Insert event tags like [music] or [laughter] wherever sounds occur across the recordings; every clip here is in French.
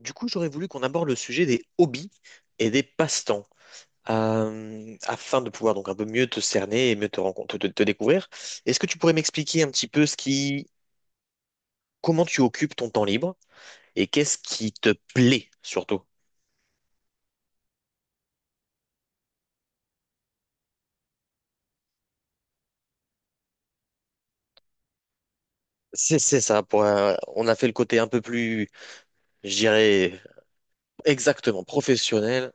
Du coup, j'aurais voulu qu'on aborde le sujet des hobbies et des passe-temps, afin de pouvoir donc un peu mieux te cerner et mieux te rencontrer, te découvrir. Est-ce que tu pourrais m'expliquer un petit peu comment tu occupes ton temps libre et qu'est-ce qui te plaît surtout? C'est ça. Pour, on a fait le côté un peu plus, je dirais, exactement professionnel,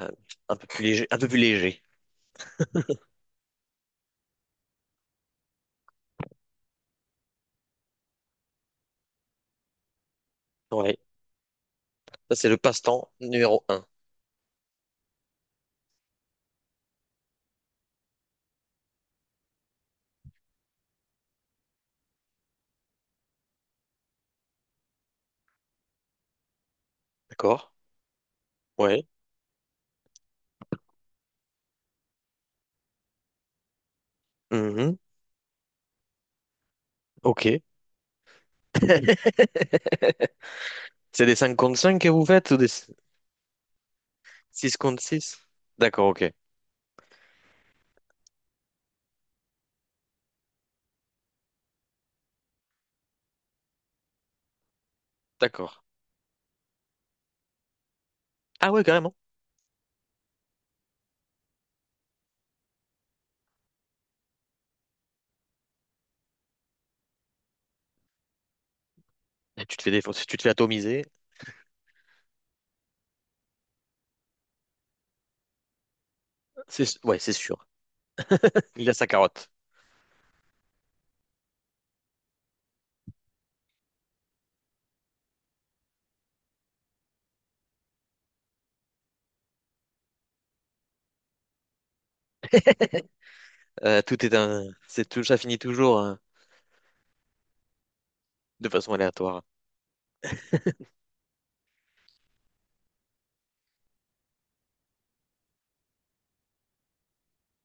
euh, un peu plus léger, un peu plus léger. Ouais. Ça, c'est le passe-temps numéro un. D'accord? Ouais. Mhm. Ok. [laughs] C'est des 5 contre 5 que vous faites ou des... 6 contre six. D'accord, ok. D'accord. Ah ouais, carrément. Et tu te fais défoncer, tu te fais atomiser. C'est, ouais, c'est sûr. Il a sa carotte. Tout est un, c'est tout, ça finit toujours de façon aléatoire.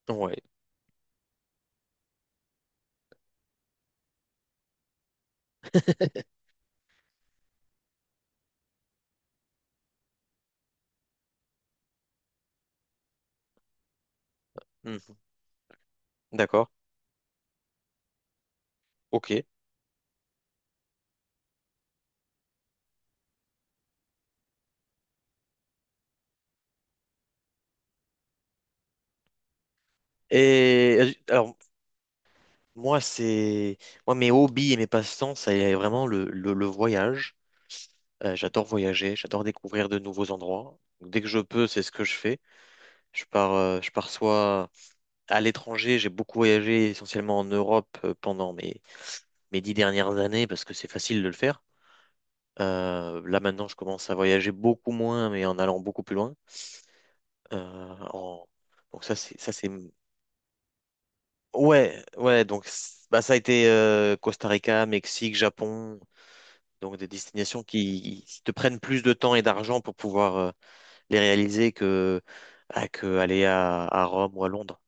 Ouais. Hmm. D'accord. Ok. Et alors, moi, c'est, moi, mes hobbies et mes passe-temps, c'est vraiment le voyage. J'adore voyager, j'adore découvrir de nouveaux endroits. Dès que je peux, c'est ce que je fais. Je pars soit à l'étranger, j'ai beaucoup voyagé essentiellement en Europe pendant mes dix dernières années parce que c'est facile de le faire. Là maintenant, je commence à voyager beaucoup moins, mais en allant beaucoup plus loin. Euh, en- Donc ça, c'est ouais, ouais. Ça a été Costa Rica, Mexique, Japon, donc des destinations qui te prennent plus de temps et d'argent pour pouvoir les réaliser que aller à Rome ou à Londres.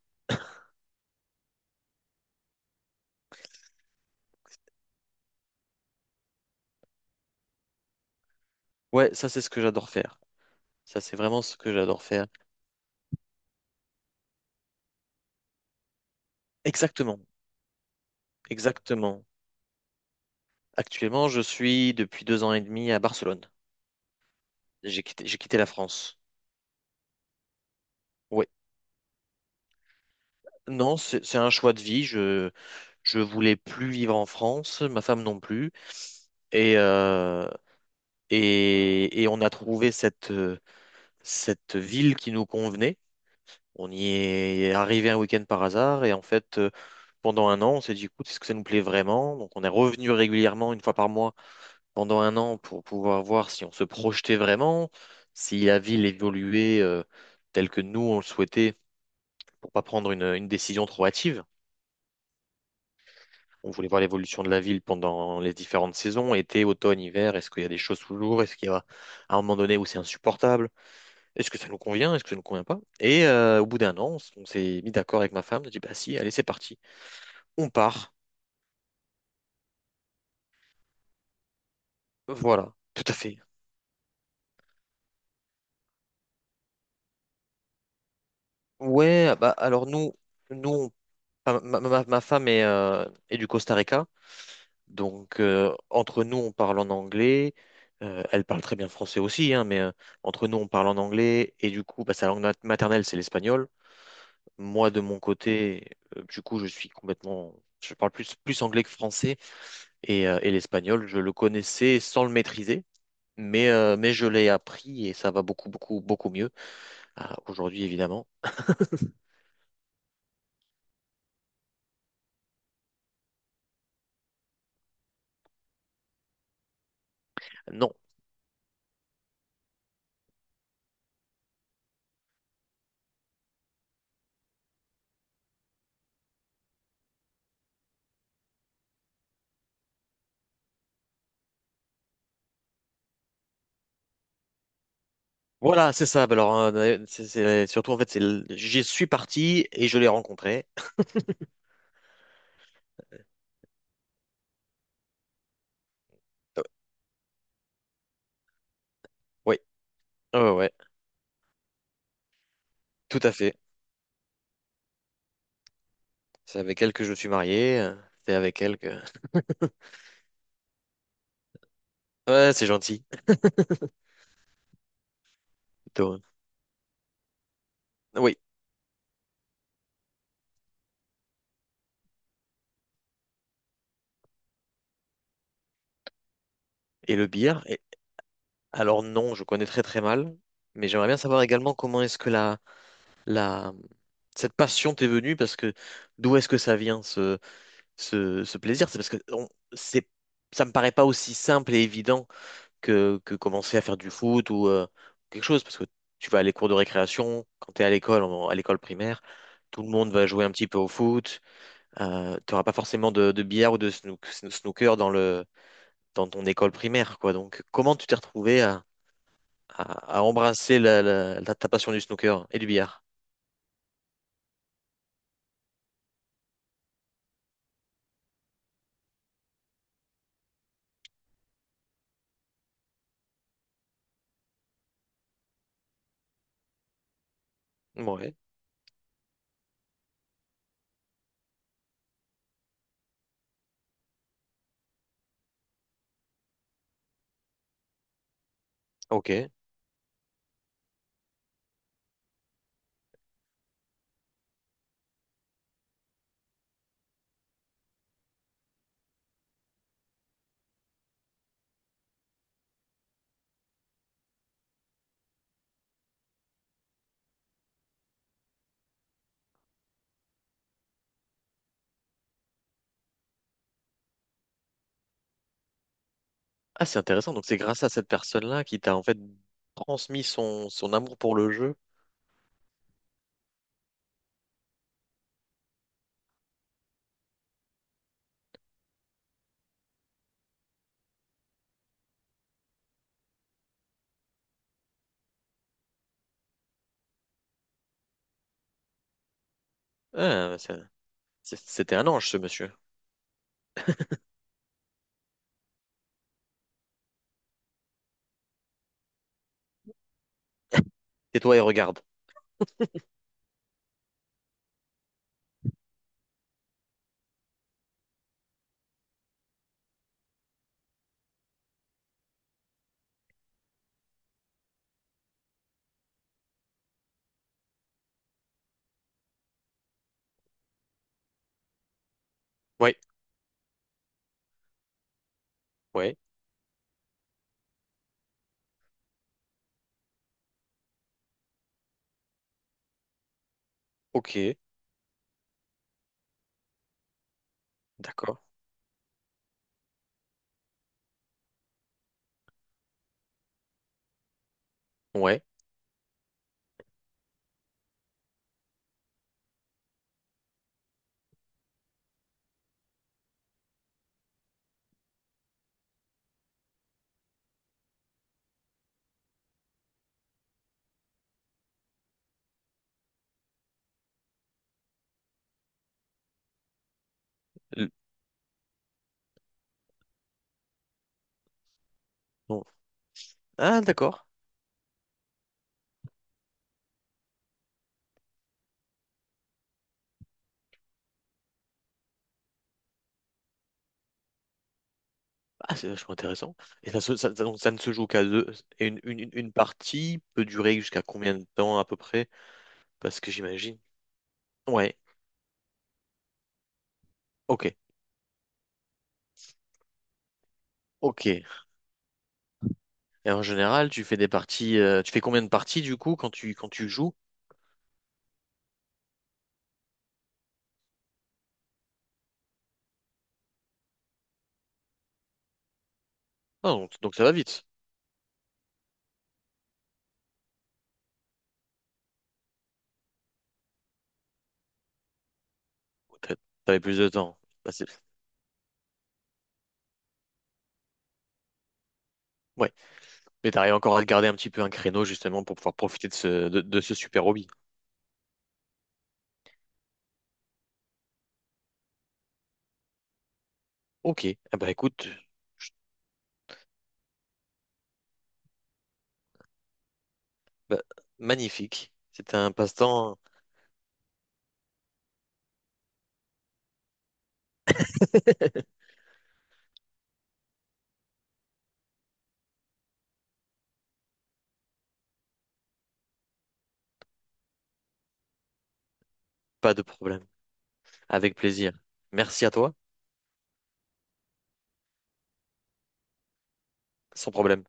Ouais, ça c'est ce que j'adore faire. Ça c'est vraiment ce que j'adore faire. Exactement, exactement. Actuellement, je suis depuis deux ans et demi à Barcelone. J'ai quitté la France. Oui. Non, c'est un choix de vie. Je voulais plus vivre en France, ma femme non plus. Et et on a trouvé cette cette ville qui nous convenait. On y est arrivé un week-end par hasard et en fait pendant un an on s'est dit écoute, est-ce que ça nous plaît vraiment? Donc on est revenu régulièrement une fois par mois pendant un an pour pouvoir voir si on se projetait vraiment, si la ville évoluait telle que nous on le souhaitait pour pas prendre une décision trop hâtive. On voulait voir l'évolution de la ville pendant les différentes saisons, été, automne, hiver. Est-ce qu'il y a des choses toujours? Est-ce qu'il y a à un moment donné où c'est insupportable? Est-ce que ça nous convient? Est-ce que ça nous convient pas? Et au bout d'un an, on s'est mis d'accord avec ma femme. On a dit, bah si, allez, c'est parti. On part. Voilà, tout à fait. Ouais, bah alors nous, ma femme est, est du Costa Rica. Donc, entre nous, on parle en anglais. Elle parle très bien français aussi, hein, mais entre nous, on parle en anglais. Et du coup, bah, sa maternelle, c'est l'espagnol. Moi, de mon côté, du coup, je suis complètement... Je parle plus anglais que français. Et, l'espagnol, je le connaissais sans le maîtriser. Mais je l'ai appris et ça va beaucoup, beaucoup, beaucoup mieux. Ah, aujourd'hui, évidemment. Non. Voilà, c'est ça. Bah, alors, hein, surtout, en fait, j'y suis parti et je l'ai rencontré. Euh, Oui, ouais, ouais, ouais, tout à fait. C'est avec elle que je suis marié. C'est avec elle que... [laughs] Ouais, c'est gentil. Plutôt. Oui. Et le bière. Et... Alors non, je connais très très mal. Mais j'aimerais bien savoir également comment est-ce que la... cette passion t'est venue. Parce que d'où est-ce que ça vient, ce plaisir? C'est parce que on... c'est... ça me paraît pas aussi simple et évident que commencer à faire du foot ou quelque chose. Parce que tu vas à les cours de récréation, quand tu es à l'école, à l'école primaire, tout le monde va jouer un petit peu au foot. Tu n'auras pas forcément de billard ou de snooker dans le, dans ton école primaire, quoi. Donc, comment tu t'es retrouvé à embrasser ta passion du snooker et du billard? Ouais, ok. Ah, c'est intéressant. Donc, c'est grâce à cette personne-là qui t'a en fait transmis son amour pour le jeu. Ah, c'est- C'était un ange, ce monsieur. Tais-toi et regarde. Ouais, ouais, ok, d'accord. Ouais. L- bon. Ah, d'accord. Ah, c'est vachement intéressant. Et ça, se- ça- Donc ça ne se joue qu'à deux. Et une partie peut durer jusqu'à combien de temps à peu près? Parce que j'imagine. Ouais, ok, ok. Et en général, tu fais des parties. Tu fais combien de parties du coup quand tu joues? Ah, donc ça va vite. T'as- T'avais plus de temps. Bah, c'est- ouais. Mais t'arrives encore à te garder un petit peu un créneau justement pour pouvoir profiter de ce, de ce super hobby. Ok, ah bah écoute, bah, magnifique. C'était un passe-temps, pas de problème. Avec plaisir. Merci à toi, sans problème.